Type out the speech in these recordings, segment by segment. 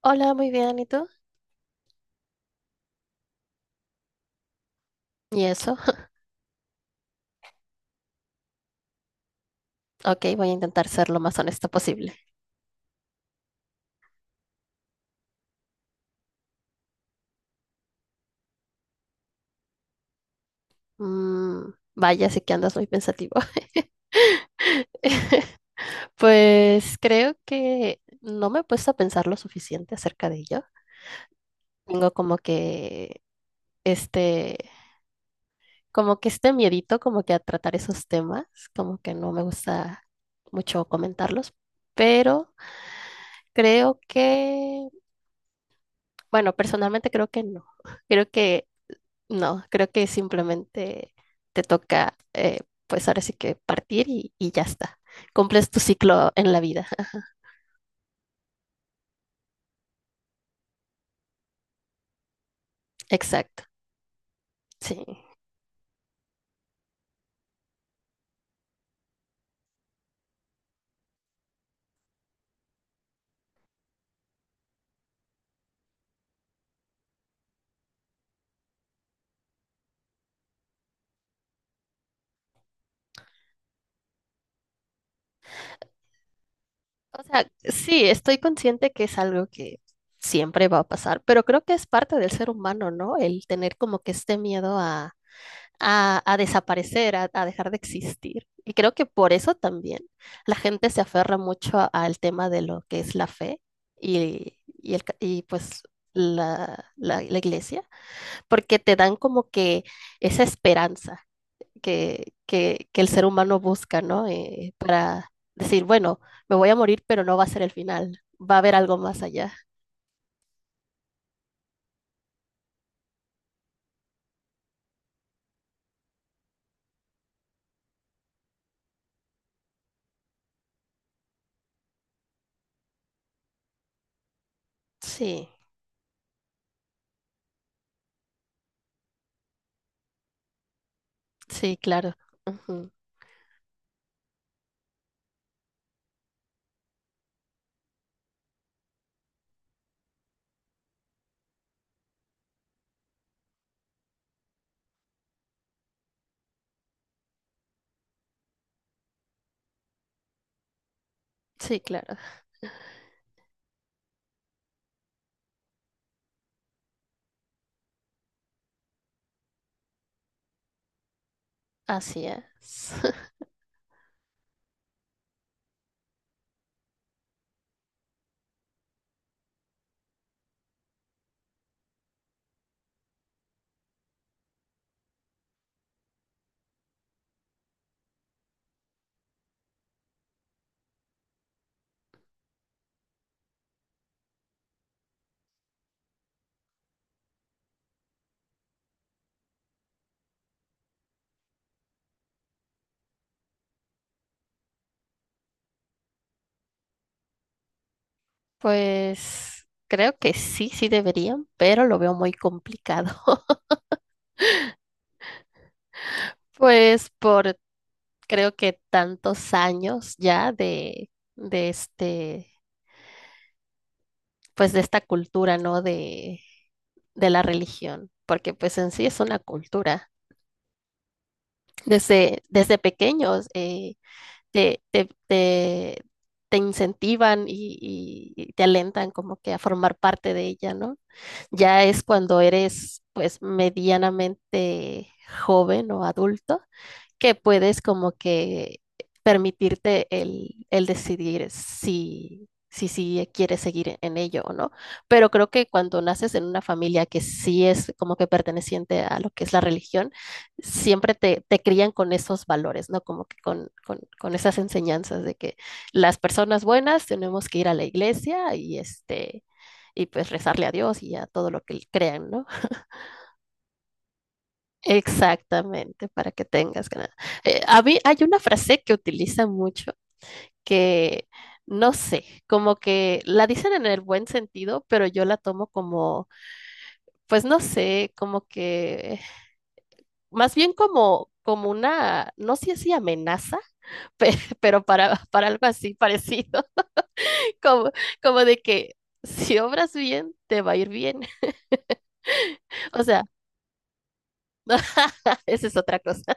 Hola, muy bien, ¿y tú? ¿Y eso? Ok, voy a intentar ser lo más honesta posible. Mm, Vaya, sí que andas muy pensativo. Pues creo que no me he puesto a pensar lo suficiente acerca de ello. Tengo como que este, como que este miedito, como que a tratar esos temas, como que no me gusta mucho comentarlos, pero creo que, bueno, personalmente creo que no. Creo que no, creo que simplemente te toca, pues ahora sí que partir y ya está. Cumples tu ciclo en la vida. Exacto, sí. O sea, sí, estoy consciente que es algo que siempre va a pasar, pero creo que es parte del ser humano, ¿no? El tener como que este miedo a desaparecer, a dejar de existir. Y creo que por eso también la gente se aferra mucho al tema de lo que es la fe y pues la iglesia porque te dan como que esa esperanza que el ser humano busca, ¿no? Para decir, bueno, me voy a morir, pero no va a ser el final, va a haber algo más allá. Sí, sí, claro. Ujú, sí, claro. Así es. Pues creo que sí, sí deberían, pero lo veo muy complicado. Pues por creo que tantos años ya de este, pues de esta cultura, ¿no? De la religión, porque pues en sí es una cultura. Desde pequeños te, te, te, te incentivan y y te alentan como que a formar parte de ella, ¿no? Ya es cuando eres pues medianamente joven o adulto que puedes como que permitirte el decidir si quieres seguir en ello o no. Pero creo que cuando naces en una familia que sí es como que perteneciente a lo que es la religión, siempre te crían con esos valores, ¿no? Como que con esas enseñanzas de que las personas buenas tenemos que ir a la iglesia y este... Y pues rezarle a Dios y a todo lo que crean, ¿no? Exactamente, para que tengas ganas. A mí hay una frase que utiliza mucho que no sé, como que la dicen en el buen sentido, pero yo la tomo como, pues no sé, como que más bien como una, no sé si amenaza, pe- pero para algo así parecido, como de que si obras bien te va a ir bien. O sea, esa es otra cosa,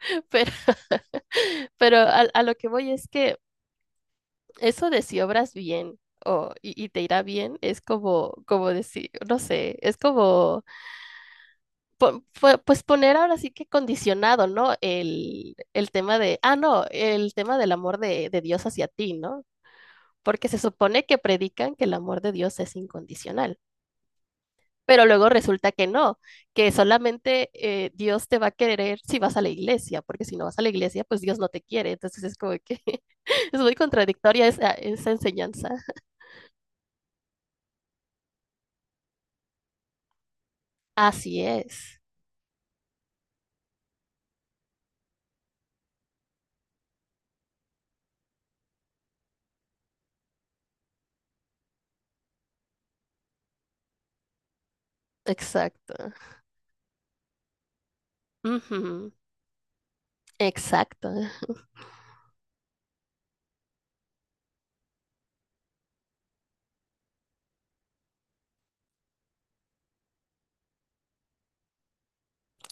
pero pero a lo que voy es que eso de si obras bien y te irá bien es como, como decir, no sé, es como, pues poner ahora sí que condicionado, ¿no? El tema de, ah, no, el tema del amor de Dios hacia ti, ¿no? Porque se supone que predican que el amor de Dios es incondicional, pero luego resulta que no, que solamente Dios te va a querer si vas a la iglesia, porque si no vas a la iglesia, pues Dios no te quiere. Entonces es como que es muy contradictoria esa enseñanza. Así es. Exacto. Ujú, exacto.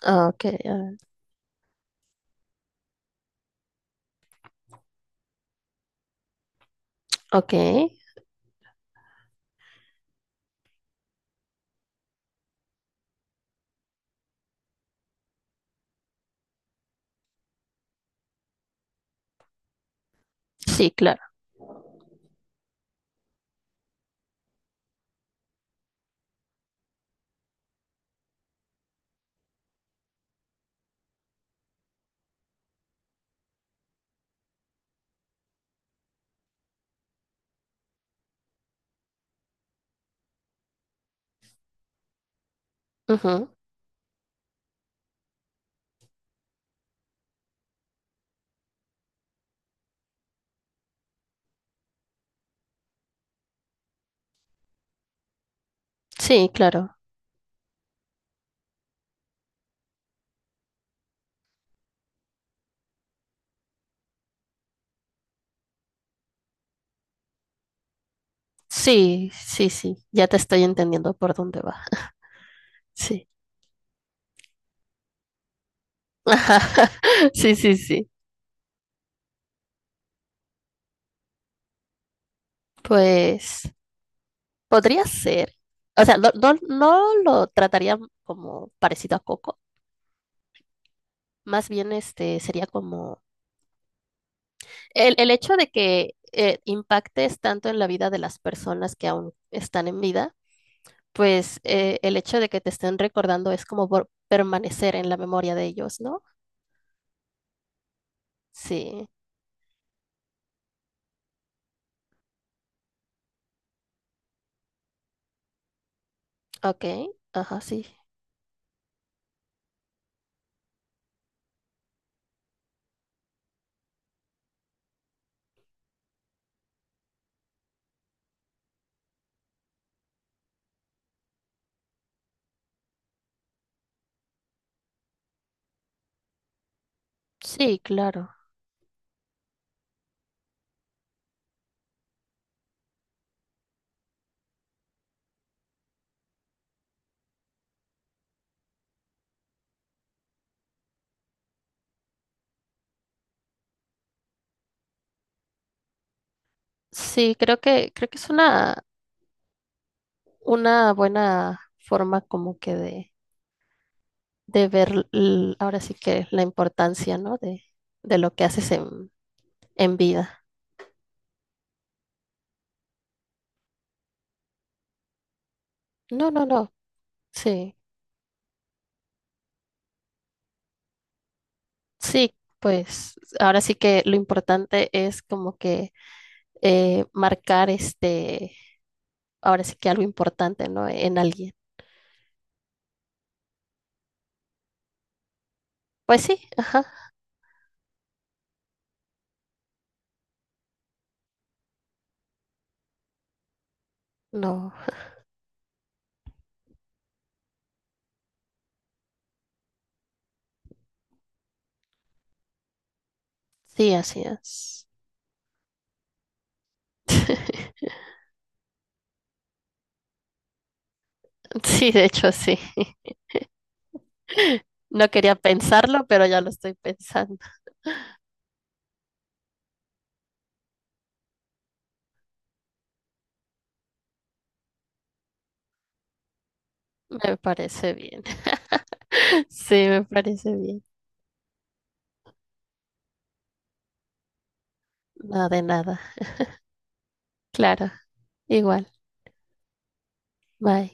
Ok, ah, ok. Sí, claro. Ujú, sí, claro. Sí, sí, sí. Ya te estoy entendiendo por dónde va. Sí. Ajá. Sí, sí, sí. Pues podría ser. O sea, no, no, no lo trataría como parecido a Coco. Más bien este sería como el hecho de que impactes tanto en la vida de las personas que aún están en vida, pues el hecho de que te estén recordando es como por permanecer en la memoria de ellos, ¿no? Sí, ok, ajá, sí, sí, claro. Sí, creo que es una buena forma como que de ver ahora sí que la importancia, ¿no? De lo que haces en vida. No, no, no, sí. Sí, pues ahora sí que lo importante es como que marcar este, ahora sí que algo importante, ¿no? En alguien. Pues sí, ajá, no, sí, así es. Sí, de hecho sí. No quería pensarlo, pero ya lo estoy pensando. Me parece bien. Sí, me parece bien. No, de nada. Claro, igual. Bye.